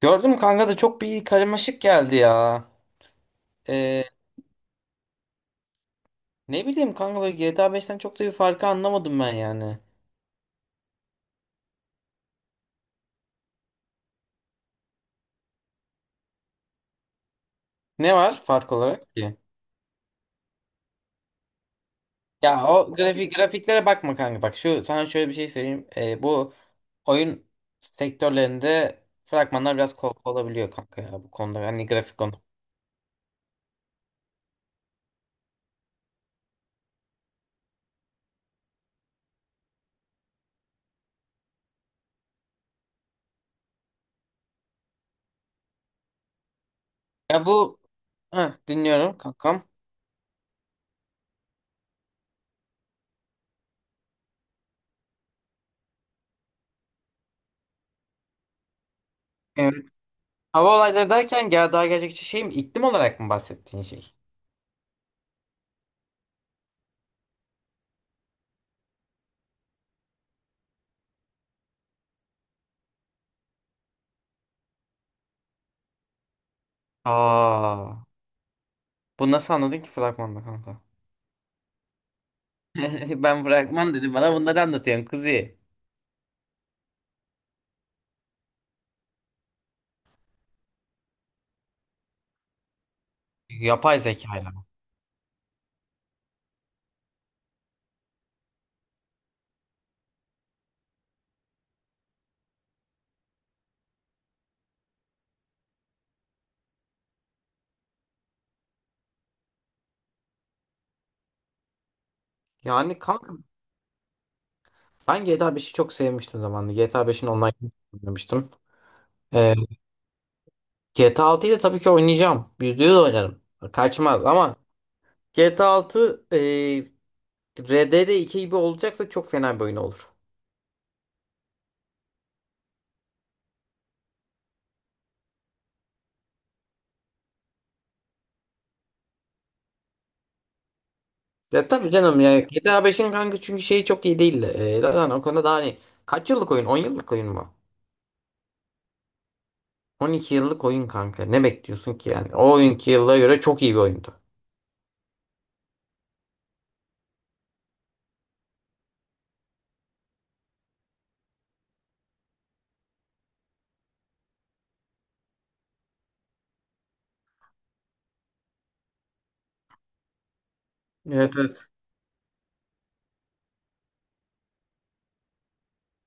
Gördüm kanka da çok bir karmaşık geldi ya. Ee, ne bileyim kanka böyle GTA 5'ten çok da bir farkı anlamadım ben yani. Ne var fark olarak ki? Ya o grafiklere bakma kanka, bak şu, sana şöyle bir şey söyleyeyim. Bu oyun sektörlerinde fragmanlar biraz kol olabiliyor kanka, ya bu konuda, hani grafik konuda. Ya bu Heh, dinliyorum kankam. Evet. Hava olayları derken gel, daha gerçekçi şey mi? İklim olarak mı bahsettiğin şey? Aa, bu nasıl anladın ki fragmanda kanka? Ben bırakmam dedi. Bana bunları anlatıyorsun kuzi. Yapay zekayla. Yani kanka, ben GTA beşi çok sevmiştim zamanında. GTA beşin online oynamıştım. Ee, GTA 6'yı da tabii ki oynayacağım. Yüzde yüz oynarım. Kaçmaz. Ama GTA altı, RDR 2 gibi olacaksa çok fena bir oyun olur. Ya tabii canım, ya GTA beşin kanka çünkü şeyi çok iyi değil. Zaten o konuda daha, hani kaç yıllık oyun? On yıllık oyun mu? 12 yıllık oyun kanka. Ne bekliyorsun ki yani? O oyunki yıllara göre çok iyi bir oyundu. Evet, evet.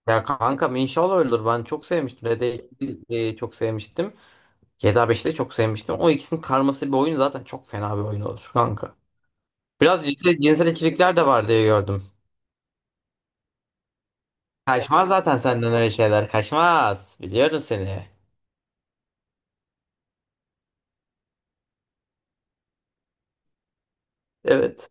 Ya kankam, inşallah öyledir. Ben çok sevmiştim. Red Dead 2'yi çok sevmiştim. GTA 5'i de çok sevmiştim. O ikisinin karması bir oyun zaten çok fena bir oyun olur kanka. Biraz cinsel içerikler de var diye gördüm. Kaçmaz zaten senden öyle şeyler. Kaçmaz. Biliyorum seni. Evet.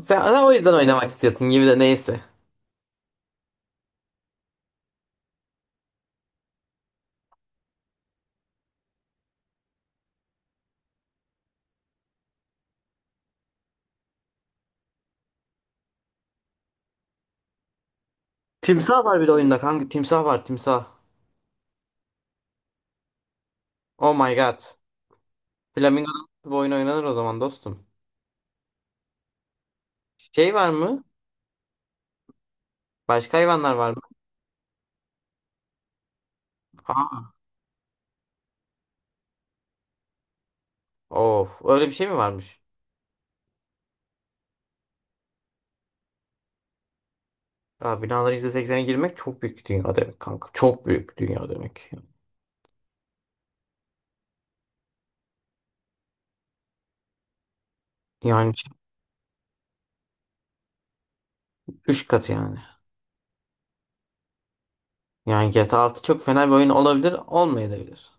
Sen, sen o yüzden oynamak istiyorsun gibi, de neyse. Timsah var bir de oyunda kanka. Timsah var, timsah. Oh my god. Flamingo'da bu oyun oynanır o zaman dostum. Şey var mı? Başka hayvanlar var mı? Aa, of. Öyle bir şey mi varmış? Ya binaların %80'ine girmek çok büyük dünya demek kanka. Çok büyük dünya demek. Yani 3 katı yani. Yani GTA altı çok fena bir oyun olabilir, olmayabilir.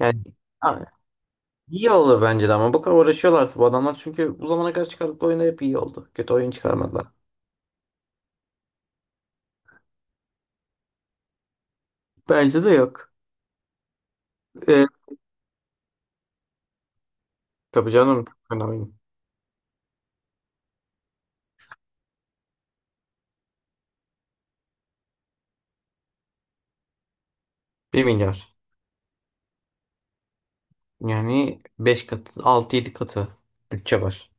Yani, yani iyi olur bence de, ama bu kadar uğraşıyorlarsa bu adamlar, çünkü bu zamana kadar çıkardıkları oyunda hep iyi oldu. Kötü oyun çıkarmadılar. Bence de yok. Ee, tabii canım, çok fena oyun. 1 milyar. Yani 5 katı, altı yedi katı bütçe var.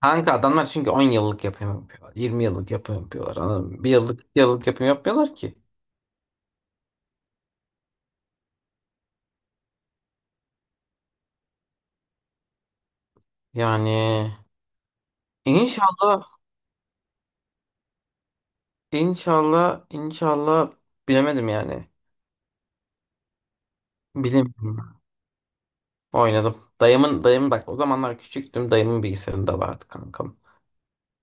Kanka adamlar çünkü 10 yıllık yapım yapıyorlar, 20 yıllık yapım yapıyorlar. Anladın mı? Bir yıllık yapım yapmıyorlar ki. Yani inşallah inşallah, bilemedim yani. Bilemiyorum. Oynadım. Dayım bak, o zamanlar küçüktüm. Dayımın bilgisayarında vardı kankam.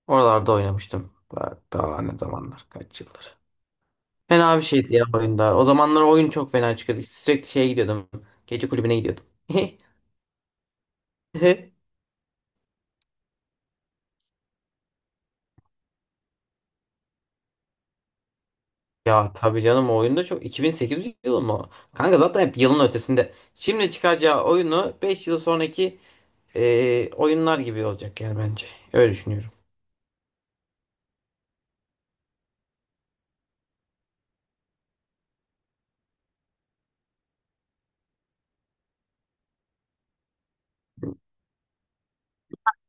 Oralarda oynamıştım. Bak daha ne zamanlar, kaç yıldır. Fena bir şeydi ya oyunda. O zamanlar oyun çok fena çıkıyordu. Sürekli şeye gidiyordum. Gece kulübüne gidiyordum. Ya tabii canım, o oyunda çok, 2008 yılı mı? Kanka zaten hep yılın ötesinde. Şimdi çıkaracağı oyunu 5 yıl sonraki oyunlar gibi olacak yani, bence. Öyle düşünüyorum.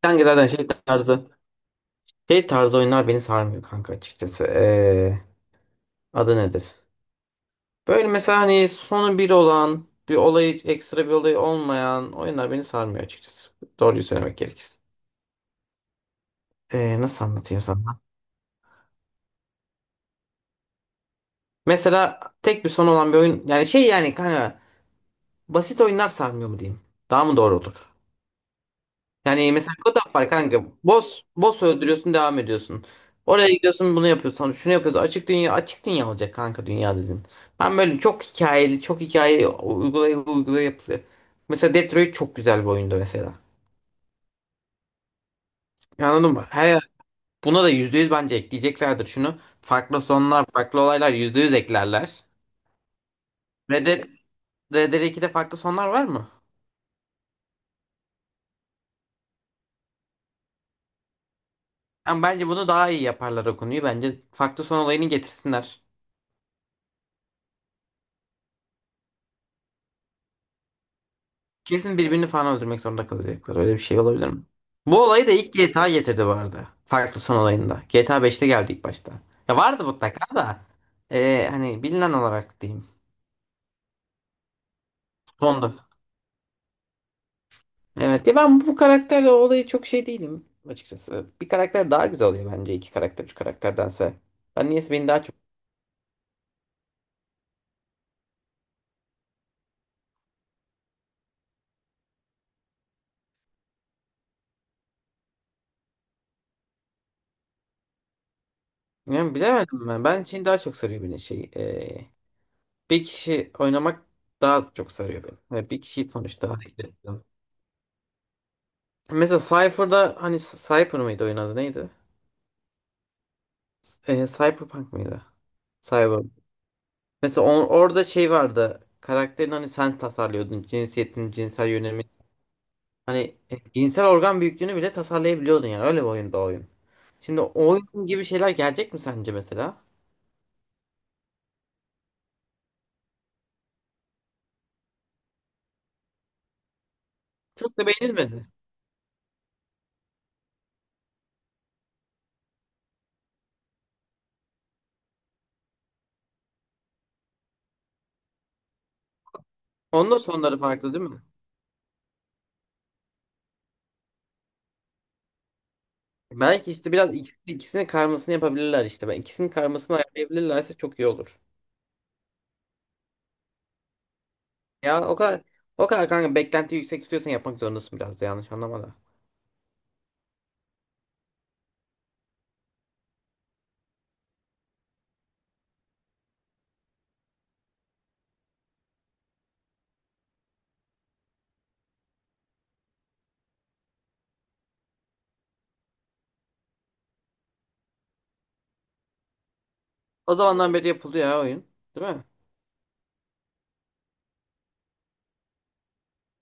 Kanka zaten şey tarzı oyunlar beni sarmıyor kanka, açıkçası. E, adı nedir? Böyle mesela, hani sonu bir olan, bir olayı, ekstra bir olayı olmayan oyunlar beni sarmıyor açıkçası. Doğruyu söylemek gerekirse. E, nasıl anlatayım sana? Mesela tek bir son olan bir oyun yani, şey yani kanka, basit oyunlar sarmıyor mu diyeyim? Daha mı doğru olur? Yani mesela Godot var kanka. Boss öldürüyorsun, devam ediyorsun. Oraya gidiyorsun, bunu yapıyorsun, şunu yapıyorsun. Açık dünya olacak kanka, dünya dedin. Ben böyle çok hikayeli, çok hikaye uygulaya uygulaya yapılıyor. Mesela Detroit çok güzel bir oyundu mesela. Anladın mı? Buna da %100 bence ekleyeceklerdir şunu. Farklı sonlar, farklı olaylar %100 eklerler. Red Dead, Red Dead 2'de farklı sonlar var mı? Yani bence bunu daha iyi yaparlar o konuyu. Bence farklı son olayını getirsinler. Kesin birbirini falan öldürmek zorunda kalacaklar. Öyle bir şey olabilir mi? Bu olayı da ilk GTA getirdi bu arada. Farklı son olayında. GTA beşte geldi ilk başta. Ya vardı mutlaka da. Hani bilinen olarak diyeyim. Sondu. Evet ya, ben bu karakterle olayı çok şey değilim açıkçası. Bir karakter daha güzel oluyor bence, iki karakter üç karakterdense. Ben niyeyse beni daha çok... Yani bilemedim ben. Ben için daha çok sarıyor beni, şey. Bir kişi oynamak daha çok sarıyor beni. Yani bir kişiyi sonuçta. Mesela Cypher'da, hani Cypher mıydı oyun adı, neydi? E, Cyberpunk mıydı? Cyber. Mesela on- orada şey vardı. Karakterin, hani sen tasarlıyordun. Cinsiyetini, cinsel yönelimi. Hani cinsel organ büyüklüğünü bile tasarlayabiliyordun yani. Öyle bir oyunda oyun. Şimdi o oyun gibi şeyler gelecek mi sence mesela? Çok da beğenilmedi. Onun da sonları farklı değil mi? Belki işte biraz ikisinin karmasını yapabilirler işte. Ben ikisinin karmasını ayarlayabilirlerse çok iyi olur. Ya o kadar kanka beklenti yüksek, istiyorsan yapmak zorundasın, biraz da yanlış anlama da. O zamandan beri yapıldı ya oyun. Değil mi?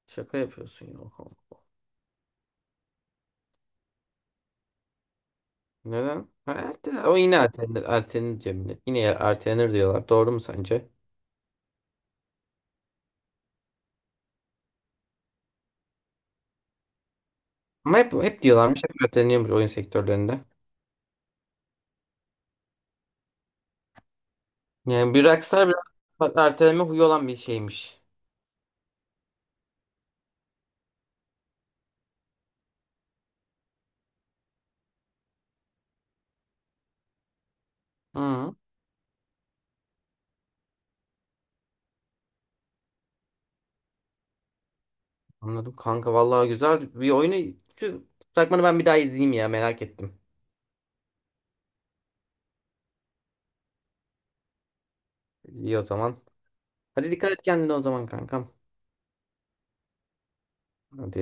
Şaka yapıyorsun ya. Oha. Neden? Ha, ertelenir. O yine ertelenir. Ertelenir Cemile. Yine yer- ertelenir diyorlar. Doğru mu sence? Ama hep diyorlarmış. Hep erteleniyormuş oyun sektörlerinde. Yani bir rockstar biraz, bak, erteleme huyu olan bir şeymiş. Hı, anladım kanka. Vallahi güzel bir oyunu. Şu fragmanı ben bir daha izleyeyim ya. Merak ettim. İyi o zaman. Hadi dikkat et kendine o zaman kankam. Hadi.